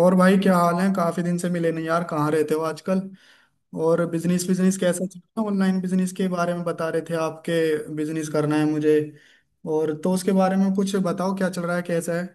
और भाई क्या हाल है? काफी दिन से मिले नहीं यार, कहाँ रहते हो आजकल? और बिजनेस बिजनेस कैसा चल रहा है? ऑनलाइन बिजनेस के बारे में बता रहे थे आपके। बिजनेस करना है मुझे। और तो उसके बारे में कुछ बताओ, क्या चल रहा है, कैसा है?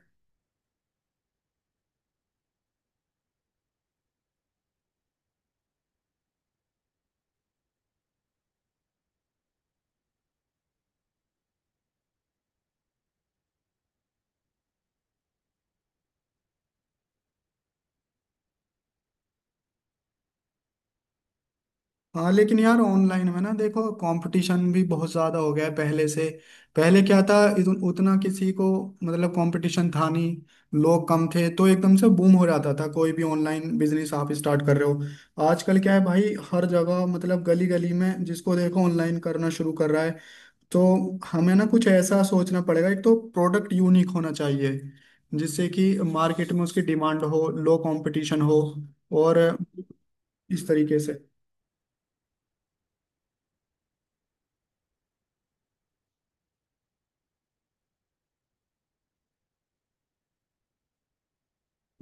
हाँ लेकिन यार ऑनलाइन में ना देखो, कंपटीशन भी बहुत ज़्यादा हो गया है पहले से। पहले क्या था, उतना किसी को, मतलब कंपटीशन था नहीं। लोग कम थे तो एकदम से बूम हो जाता था कोई भी ऑनलाइन बिजनेस आप स्टार्ट कर रहे हो। आजकल क्या है भाई, हर जगह मतलब गली गली में जिसको देखो ऑनलाइन करना शुरू कर रहा है। तो हमें ना कुछ ऐसा सोचना पड़ेगा, एक तो प्रोडक्ट यूनिक होना चाहिए जिससे कि मार्केट में उसकी डिमांड हो, लो कंपटीशन हो, और इस तरीके से।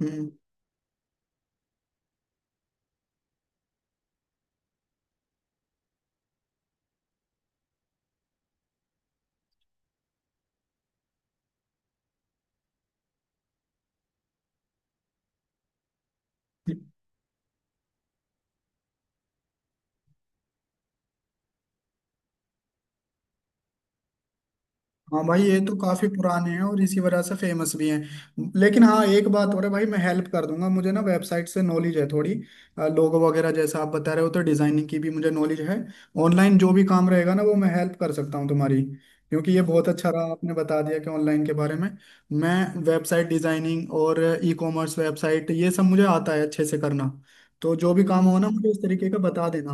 हम्म। हाँ भाई ये तो काफी पुराने हैं और इसी वजह से फेमस भी हैं। लेकिन हाँ एक बात और है भाई, मैं हेल्प कर दूंगा, मुझे ना वेबसाइट से नॉलेज है थोड़ी। लोगो वगैरह जैसा आप बता रहे हो, तो डिजाइनिंग की भी मुझे नॉलेज है। ऑनलाइन जो भी काम रहेगा ना वो मैं हेल्प कर सकता हूँ तुम्हारी, क्योंकि ये बहुत अच्छा रहा आपने बता दिया कि ऑनलाइन के बारे में। मैं वेबसाइट डिजाइनिंग और ई कॉमर्स वेबसाइट, ये सब मुझे आता है अच्छे से करना। तो जो भी काम हो ना, मुझे इस तरीके का बता देना।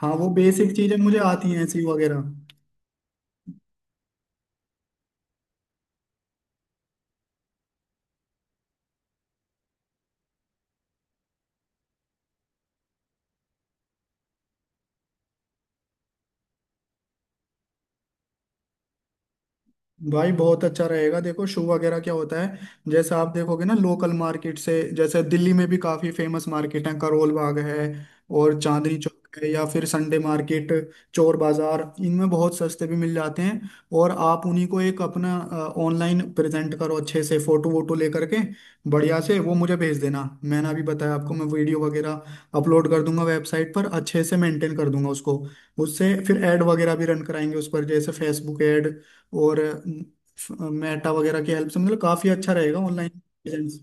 हाँ वो बेसिक चीजें मुझे आती हैं, सी वगैरह। भाई बहुत अच्छा रहेगा, देखो शू वगैरह क्या होता है, जैसे आप देखोगे ना लोकल मार्केट से, जैसे दिल्ली में भी काफी फेमस मार्केट है, करोल बाग है और चांदनी चौक है, या फिर संडे मार्केट, चोर बाजार, इनमें बहुत सस्ते भी मिल जाते हैं। और आप उन्हीं को एक अपना ऑनलाइन प्रेजेंट करो अच्छे से, फोटो वोटो लेकर के बढ़िया से वो मुझे भेज देना, मैंने अभी बताया आपको, मैं वीडियो वगैरह अपलोड कर दूंगा वेबसाइट पर, अच्छे से मेंटेन कर दूंगा उसको। उससे फिर ऐड वगैरह भी रन कराएंगे उस पर, जैसे फेसबुक ऐड और मेटा वगैरह की हेल्प से, मतलब काफी अच्छा रहेगा ऑनलाइन प्रेजेंस।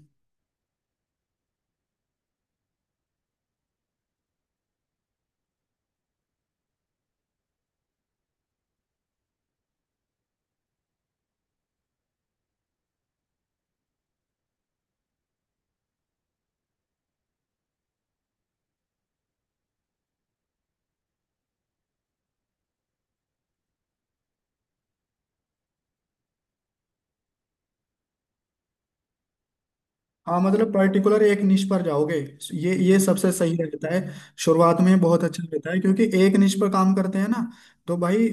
हाँ मतलब पर्टिकुलर एक निश पर जाओगे, ये सबसे सही रहता है, शुरुआत में बहुत अच्छा रहता है, क्योंकि एक निश पर काम करते हैं ना, तो भाई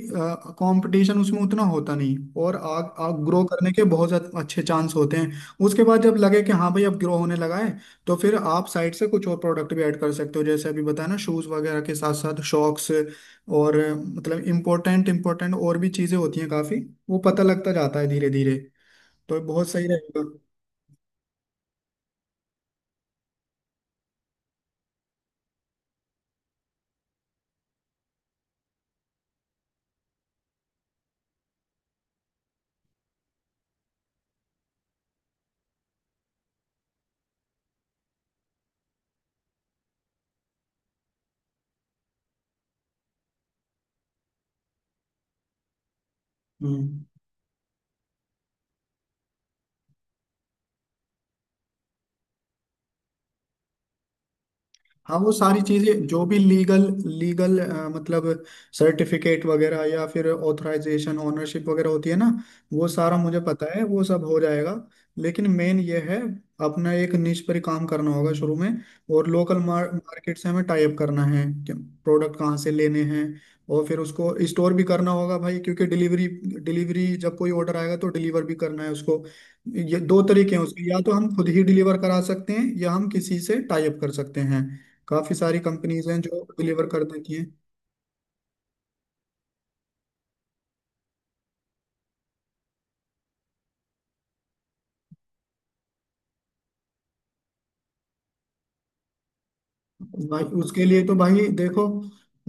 कंपटीशन उसमें उतना होता नहीं, और आग आग ग्रो करने के बहुत ज्यादा अच्छे चांस होते हैं। उसके बाद जब लगे कि हाँ भाई अब ग्रो होने लगा है, तो फिर आप साइड से कुछ और प्रोडक्ट भी ऐड कर सकते हो, जैसे अभी बताया ना शूज वगैरह के साथ साथ शॉक्स और मतलब इम्पोर्टेंट इम्पोर्टेंट और भी चीजें होती हैं काफी। वो पता लगता जाता है धीरे धीरे, तो बहुत सही रहेगा। हम्म। हाँ वो सारी चीजें जो भी लीगल लीगल, मतलब सर्टिफिकेट वगैरह या फिर ऑथराइजेशन ओनरशिप वगैरह होती है ना, वो सारा मुझे पता है, वो सब हो जाएगा। लेकिन मेन ये है, अपना एक निश पर ही काम करना होगा शुरू में। और लोकल मार्केट से हमें टाई अप करना है कि प्रोडक्ट कहाँ से लेने हैं, और फिर उसको स्टोर भी करना होगा भाई, क्योंकि डिलीवरी डिलीवरी जब कोई ऑर्डर आएगा तो डिलीवर भी करना है उसको। ये दो तरीके हैं उसके, या तो हम खुद ही डिलीवर करा सकते हैं या हम किसी से टाई अप कर सकते हैं, काफी सारी कंपनीज हैं जो डिलीवर कर देती हैं। भाई उसके लिए तो भाई देखो,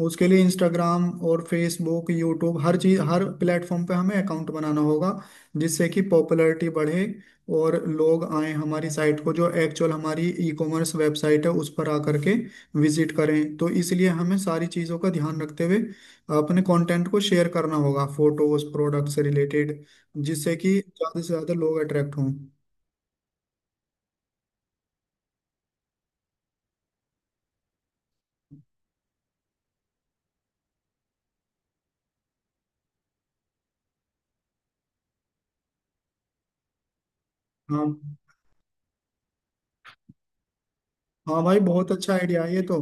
उसके लिए इंस्टाग्राम और फेसबुक, यूट्यूब, हर चीज हर प्लेटफॉर्म पे हमें अकाउंट बनाना होगा, जिससे कि पॉपुलैरिटी बढ़े और लोग आए हमारी साइट को, जो एक्चुअल हमारी ई कॉमर्स वेबसाइट है उस पर आकर के विजिट करें। तो इसलिए हमें सारी चीज़ों का ध्यान रखते हुए अपने कंटेंट को शेयर करना होगा, फोटोज प्रोडक्ट से रिलेटेड, जिससे कि ज़्यादा से ज़्यादा लोग अट्रैक्ट हों। हाँ। हाँ भाई बहुत अच्छा आइडिया है ये तो।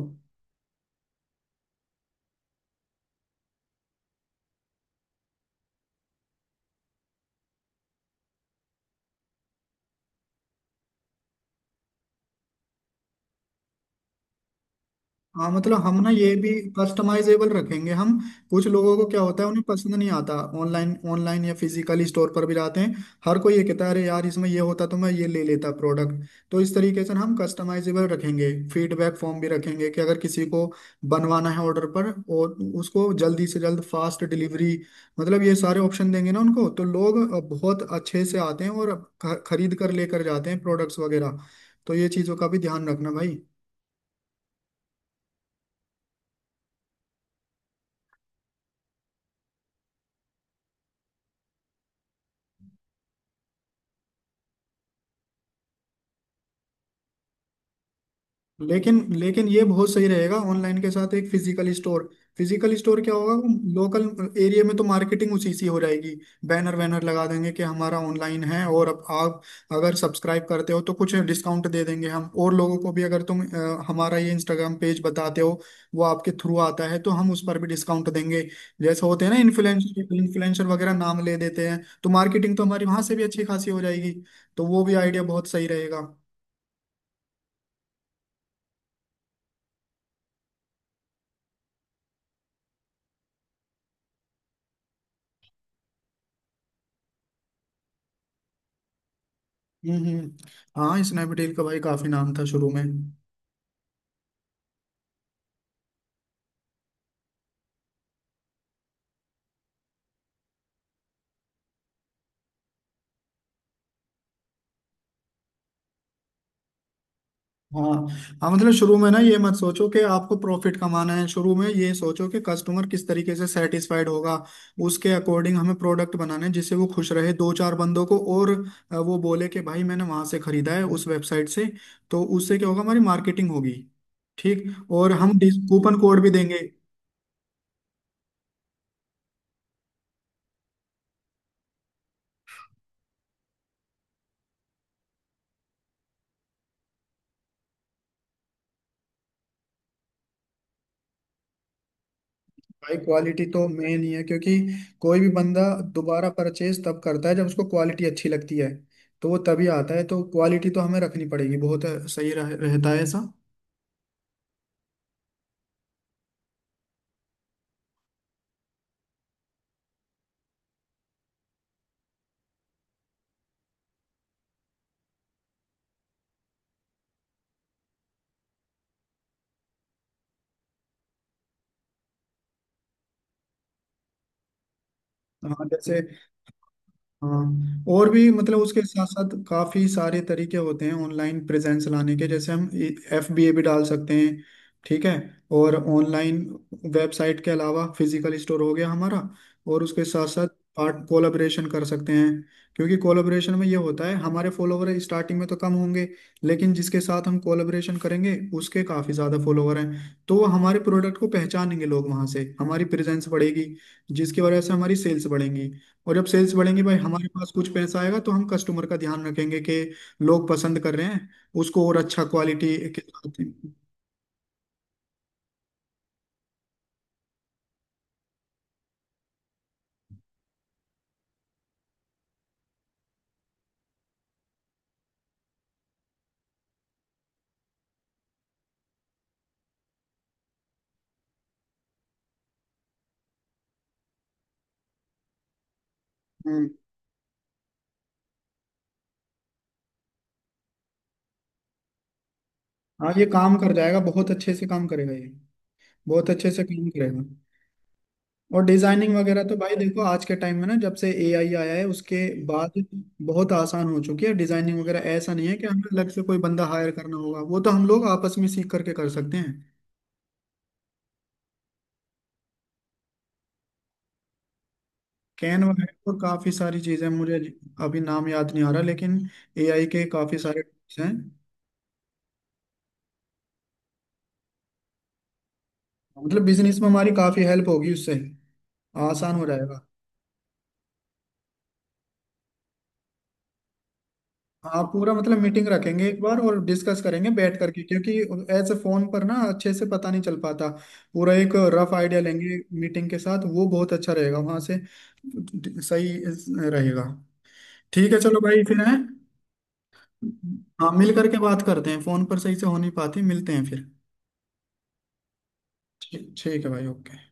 हाँ मतलब हम ना ये भी कस्टमाइजेबल रखेंगे हम, कुछ लोगों को क्या होता है उन्हें पसंद नहीं आता, ऑनलाइन ऑनलाइन या फिजिकली स्टोर पर भी जाते हैं हर कोई, ये कहता है अरे यार इसमें ये होता तो मैं ये ले लेता प्रोडक्ट। तो इस तरीके से ना हम कस्टमाइजेबल रखेंगे, फीडबैक फॉर्म भी रखेंगे कि अगर किसी को बनवाना है ऑर्डर पर, और उसको जल्दी से जल्द फास्ट डिलीवरी, मतलब ये सारे ऑप्शन देंगे ना उनको, तो लोग बहुत अच्छे से आते हैं और खरीद कर लेकर जाते हैं प्रोडक्ट्स वगैरह। तो ये चीज़ों का भी ध्यान रखना भाई। लेकिन लेकिन ये बहुत सही रहेगा ऑनलाइन के साथ एक फिजिकल स्टोर। फिजिकल स्टोर क्या होगा, लोकल एरिया में तो मार्केटिंग उसी सी हो जाएगी, बैनर वैनर लगा देंगे कि हमारा ऑनलाइन है, और अब आप अगर सब्सक्राइब करते हो तो कुछ डिस्काउंट दे देंगे हम। और लोगों को भी अगर तुम हमारा ये इंस्टाग्राम पेज बताते हो, वो आपके थ्रू आता है तो हम उस पर भी डिस्काउंट देंगे, जैसे होते हैं ना इन्फ्लुएंसर इन्फ्लुएंसर वगैरह नाम ले देते हैं तो मार्केटिंग तो हमारी वहां से भी अच्छी खासी हो जाएगी। तो वो भी आइडिया बहुत सही रहेगा। हम्म। हम्म। हाँ स्नैपडील का भाई काफी नाम था शुरू में। हाँ। हाँ मतलब शुरू में ना ये मत सोचो कि आपको प्रॉफिट कमाना है, शुरू में ये सोचो कि कस्टमर किस तरीके से सेटिस्फाइड होगा, उसके अकॉर्डिंग हमें प्रोडक्ट बनाना है, जिससे वो खुश रहे दो चार बंदों को, और वो बोले कि भाई मैंने वहां से खरीदा है उस वेबसाइट से, तो उससे क्या होगा, हमारी मार्केटिंग होगी। ठीक। और हम कूपन कोड भी देंगे। भाई क्वालिटी तो मेन ही है, क्योंकि कोई भी बंदा दोबारा परचेज तब करता है जब उसको क्वालिटी अच्छी लगती है, तो वो तभी आता है, तो क्वालिटी तो हमें रखनी पड़ेगी। बहुत सही रहता है ऐसा। हाँ जैसे, हाँ और भी, मतलब उसके साथ साथ काफी सारे तरीके होते हैं ऑनलाइन प्रेजेंस लाने के, जैसे हम एफ बी ए भी डाल सकते हैं। ठीक है। और ऑनलाइन वेबसाइट के अलावा फिजिकल स्टोर हो गया हमारा, और उसके साथ साथ पार्ट कोलाबरेशन कर सकते हैं। क्योंकि कोलाबरेशन में ये होता है, हमारे फॉलोवर स्टार्टिंग में तो कम होंगे, लेकिन जिसके साथ हम कोलाबरेशन करेंगे उसके काफी ज्यादा फॉलोवर हैं, तो वो हमारे प्रोडक्ट को पहचानेंगे लोग, वहां से हमारी प्रेजेंस बढ़ेगी, जिसकी वजह से हमारी सेल्स बढ़ेंगी। और जब सेल्स बढ़ेंगे भाई हमारे पास कुछ पैसा आएगा, तो हम कस्टमर का ध्यान रखेंगे कि लोग पसंद कर रहे हैं उसको, और अच्छा क्वालिटी के साथ। हम्म। हाँ ये काम कर जाएगा, बहुत अच्छे से काम करेगा ये, बहुत अच्छे से काम करेगा। और डिजाइनिंग वगैरह तो भाई देखो आज के टाइम में ना, जब से एआई आया है उसके बाद बहुत आसान हो चुकी है डिजाइनिंग वगैरह। ऐसा नहीं है कि हमें अलग से कोई बंदा हायर करना होगा, वो तो हम लोग आपस में सीख करके कर सकते हैं। कैनवा है और काफी सारी चीजें मुझे अभी नाम याद नहीं आ रहा, लेकिन एआई के काफी सारे tools हैं, मतलब बिजनेस में हमारी काफी हेल्प होगी उससे, आसान हो जाएगा। हाँ पूरा मतलब मीटिंग रखेंगे एक बार और डिस्कस करेंगे बैठ करके, क्योंकि ऐसे फोन पर ना अच्छे से पता नहीं चल पाता। पूरा एक रफ आइडिया लेंगे मीटिंग के साथ, वो बहुत अच्छा रहेगा वहां से, सही रहेगा। ठीक है, चलो भाई फिर है, हाँ मिल करके बात करते हैं, फोन पर सही से हो नहीं पाती, मिलते हैं फिर। ठीक, ठीक है भाई, ओके।